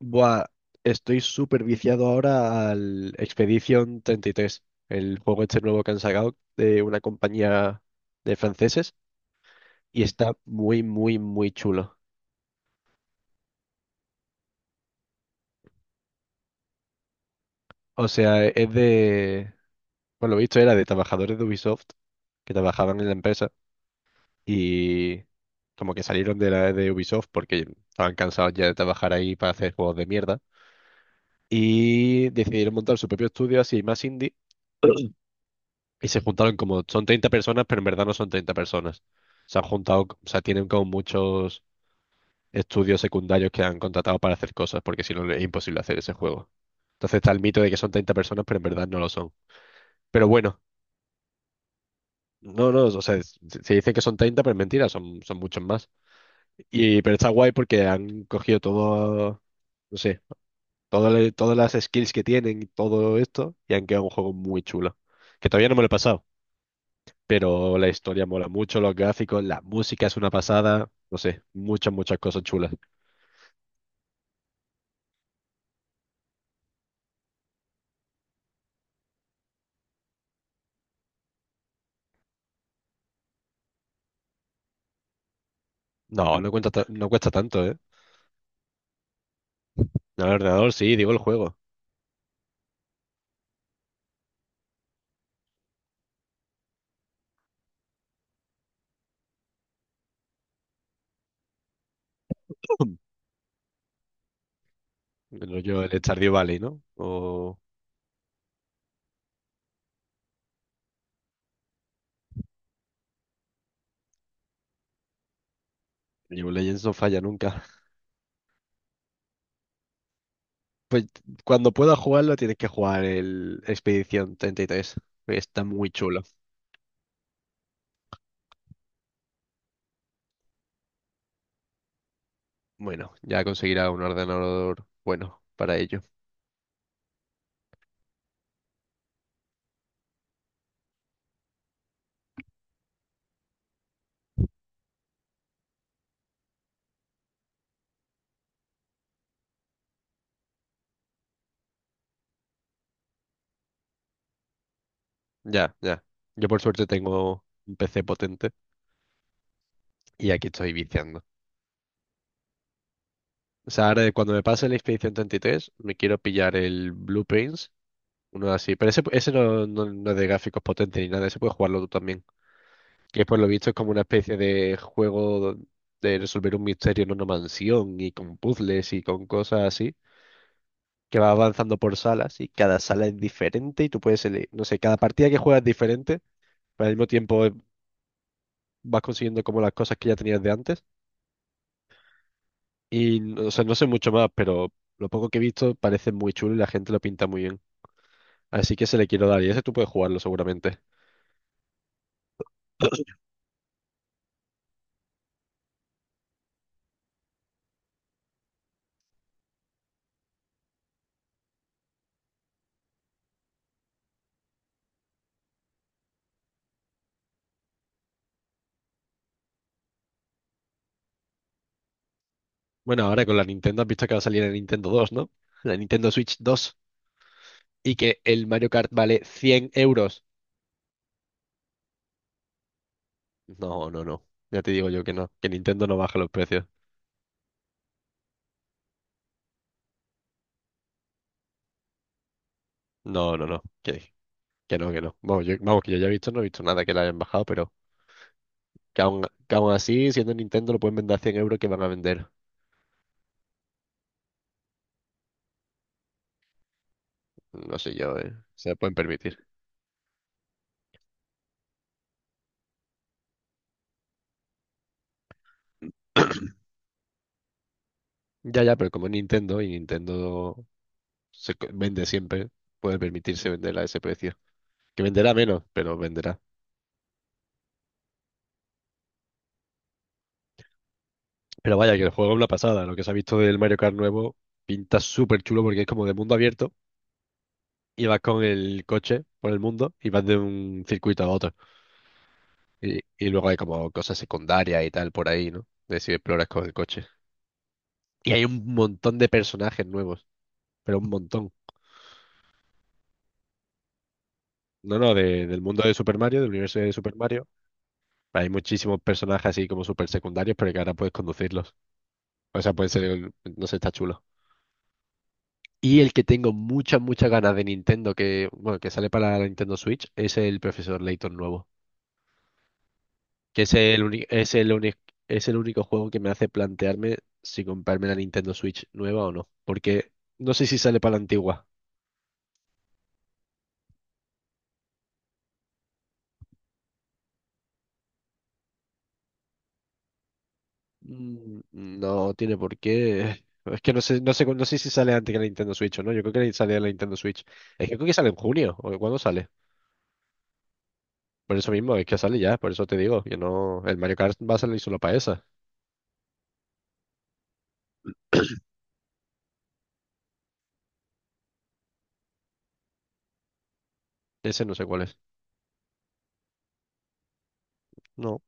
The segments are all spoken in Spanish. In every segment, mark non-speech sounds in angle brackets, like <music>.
Buah, estoy súper viciado ahora al Expedition 33, el juego este nuevo que han sacado de una compañía de franceses, y está muy, muy, muy chulo. O sea, es de, por lo visto era de trabajadores de Ubisoft que trabajaban en la empresa y como que salieron de la de Ubisoft porque estaban cansados ya de trabajar ahí para hacer juegos de mierda y decidieron montar su propio estudio así más indie. <clears throat> Y se juntaron como, son 30 personas, pero en verdad no son 30 personas. Se han juntado, o sea, tienen como muchos estudios secundarios que han contratado para hacer cosas, porque si no es imposible hacer ese juego. Entonces está el mito de que son 30 personas, pero en verdad no lo son. Pero bueno, no, no, o sea, se dice que son 30 pero es mentira, son muchos más. Y, pero está guay porque han cogido todo, no sé, todo, todas las skills que tienen y todo esto, y han quedado un juego muy chulo. Que todavía no me lo he pasado, pero la historia mola mucho, los gráficos, la música es una pasada, no sé, muchas, muchas cosas chulas. No, no cuesta tanto, ¿eh? No, el ordenador sí, digo el juego. <clears throat> Bueno, yo el Stardew Valley, ¿no? O League of Legends no falla nunca. <laughs> Pues cuando puedas jugarlo tienes que jugar el Expedición 33, que está muy chulo. Bueno, ya conseguirá un ordenador bueno para ello. Ya, ya. Yo por suerte tengo un PC potente y aquí estoy viciando. O sea, ahora cuando me pase la Expedición 33, me quiero pillar el Blue Prince, uno así. Pero ese no, no, no es de gráficos potentes ni nada, ese puedes jugarlo tú también. Que por lo visto es como una especie de juego de resolver un misterio en una mansión y con puzzles y con cosas así. Que va avanzando por salas y cada sala es diferente y tú puedes elegir, no sé, cada partida que juegas es diferente, pero al mismo tiempo vas consiguiendo como las cosas que ya tenías de antes. Y, o sea, no sé mucho más, pero lo poco que he visto parece muy chulo y la gente lo pinta muy bien. Así que se le quiero dar y ese tú puedes jugarlo seguramente. Bueno, ahora con la Nintendo has visto que va a salir la Nintendo 2, ¿no? La Nintendo Switch 2 y que el Mario Kart vale 100 euros. No, no, no. Ya te digo yo que no, que Nintendo no baja los precios. No, no, no. Que no, que no. Vamos, yo, vamos, que yo ya he visto, no he visto nada que la hayan bajado, pero que aún, así, siendo Nintendo, lo pueden vender a 100 € que van a vender. No sé yo, ¿eh? Se lo pueden permitir. <clears throat> Ya, ya, pero como es Nintendo y Nintendo vende siempre, puede permitirse vender a ese precio. Que venderá menos, pero venderá. Pero vaya, que el juego es una pasada. Lo que se ha visto del Mario Kart nuevo pinta súper chulo porque es como de mundo abierto y vas con el coche por el mundo y vas de un circuito a otro. Y luego hay como cosas secundarias y tal por ahí, ¿no? De si exploras con el coche. Y hay un montón de personajes nuevos, pero un montón. No, no, del mundo de Super Mario, del universo de Super Mario. Hay muchísimos personajes así como super secundarios, pero que ahora puedes conducirlos. O sea, pueden ser, no sé, está chulo. Y el que tengo muchas, muchas ganas de Nintendo, que, bueno, que sale para la Nintendo Switch, es el Profesor Layton nuevo. Que es el único juego que me hace plantearme si comprarme la Nintendo Switch nueva o no. Porque no sé si sale para la antigua. Mm, no tiene por qué. Es que no sé, no sé, no sé si sale antes que la Nintendo Switch o no. Yo creo que sale la Nintendo Switch. Es que creo que sale en junio. ¿O cuándo sale? Por eso mismo, es que sale ya, por eso te digo, que no. El Mario Kart va a salir solo para esa. <coughs> Ese no sé cuál es. No.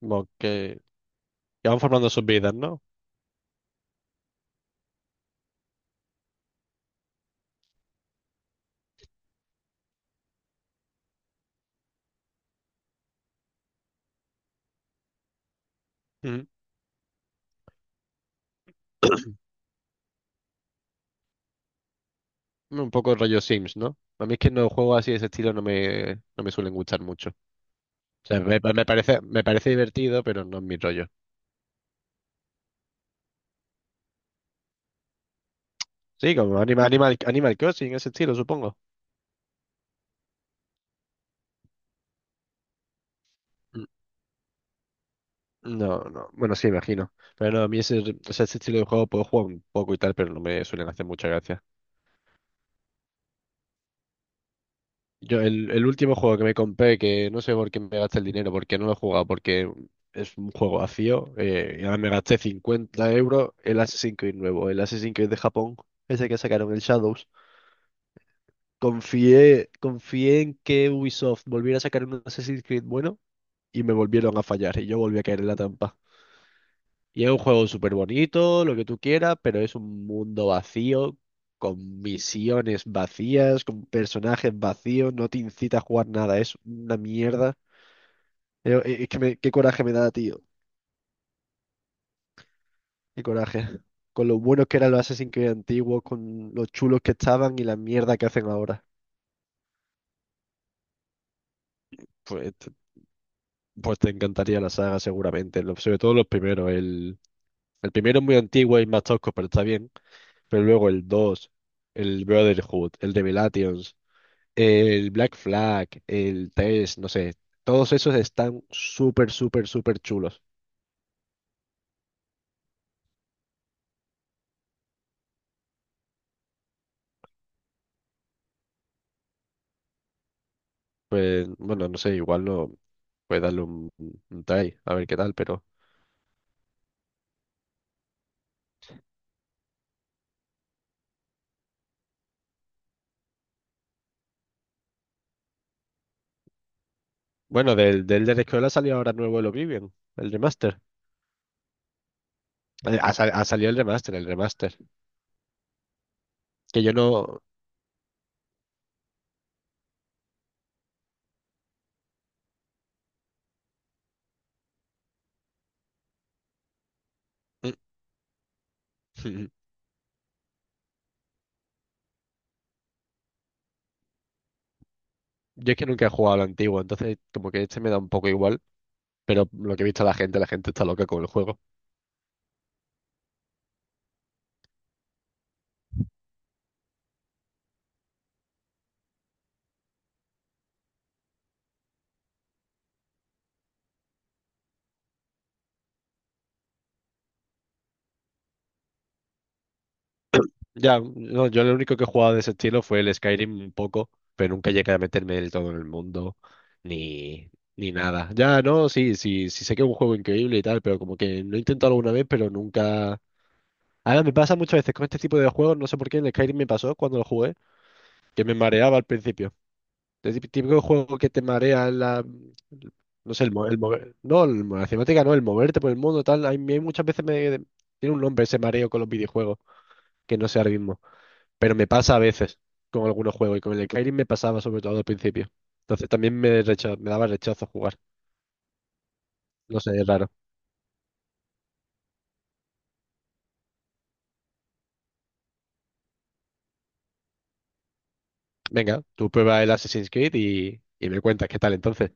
Como que, van formando sus vidas, ¿no? Ujú. Un poco rollo Sims, ¿no? A mí es que los juegos así de ese estilo no me suelen gustar mucho. O sea, me parece divertido, pero no es mi rollo. Sí, como Animal Crossing, ese estilo, supongo. Mm, no, no. Bueno, sí, imagino. Pero no, a mí ese, o sea, ese estilo de juego puedo jugar un poco y tal, pero no me suelen hacer mucha gracia. Yo, el último juego que me compré, que no sé por qué me gasté el dinero, porque no lo he jugado, porque es un juego vacío, y ahora me gasté 50 € el Assassin's Creed nuevo, el Assassin's Creed de Japón, ese que sacaron, el Shadows. Confié en que Ubisoft volviera a sacar un Assassin's Creed bueno y me volvieron a fallar y yo volví a caer en la trampa. Y es un juego súper bonito, lo que tú quieras, pero es un mundo vacío, con misiones vacías, con personajes vacíos, no te incita a jugar nada, es una mierda. Es que qué coraje me da, tío, qué coraje. Con lo buenos que eran los Assassin's Creed antiguos, con los chulos que estaban y la mierda que hacen ahora. Pues, te- pues te encantaría la saga seguramente, sobre todo los primeros. El primero es muy antiguo y más tosco, pero está bien. Pero luego el dos, el Brotherhood, el Revelations. El Black Flag, el Test, no sé, todos esos están súper, súper, súper chulos. Pues, bueno, no sé, igual no puede darle un try, a ver qué tal, pero. Bueno, del de la escuela salió ahora nuevo el Oblivion, el remaster. Ha salido el remaster. Que yo no. <laughs> Yo es que nunca he jugado al antiguo, entonces como que este me da un poco igual, pero lo que he visto a la gente está loca con el juego. Ya, no, yo lo único que he jugado de ese estilo fue el Skyrim un poco, pero nunca llegué a meterme del todo en el mundo, ni nada. Ya, no, sí, sí, sí sé que es un juego increíble y tal, pero como que lo he intentado alguna vez, pero nunca... Ahora me pasa muchas veces con este tipo de juegos, no sé por qué en el Skyrim me pasó cuando lo jugué, que me mareaba al principio. El típico juego que te marea en la... No sé, el, mo- el mover... no, la cinemática no, el moverte por el mundo, tal. A mí muchas veces me... Tiene un nombre ese mareo con los videojuegos, que no sé ahora mismo. Pero me pasa a veces con algunos juegos y con el de Skyrim me pasaba sobre todo al principio. Entonces también me daba rechazo jugar. No sé, es raro. Venga, tú prueba el Assassin's Creed y me cuentas qué tal entonces.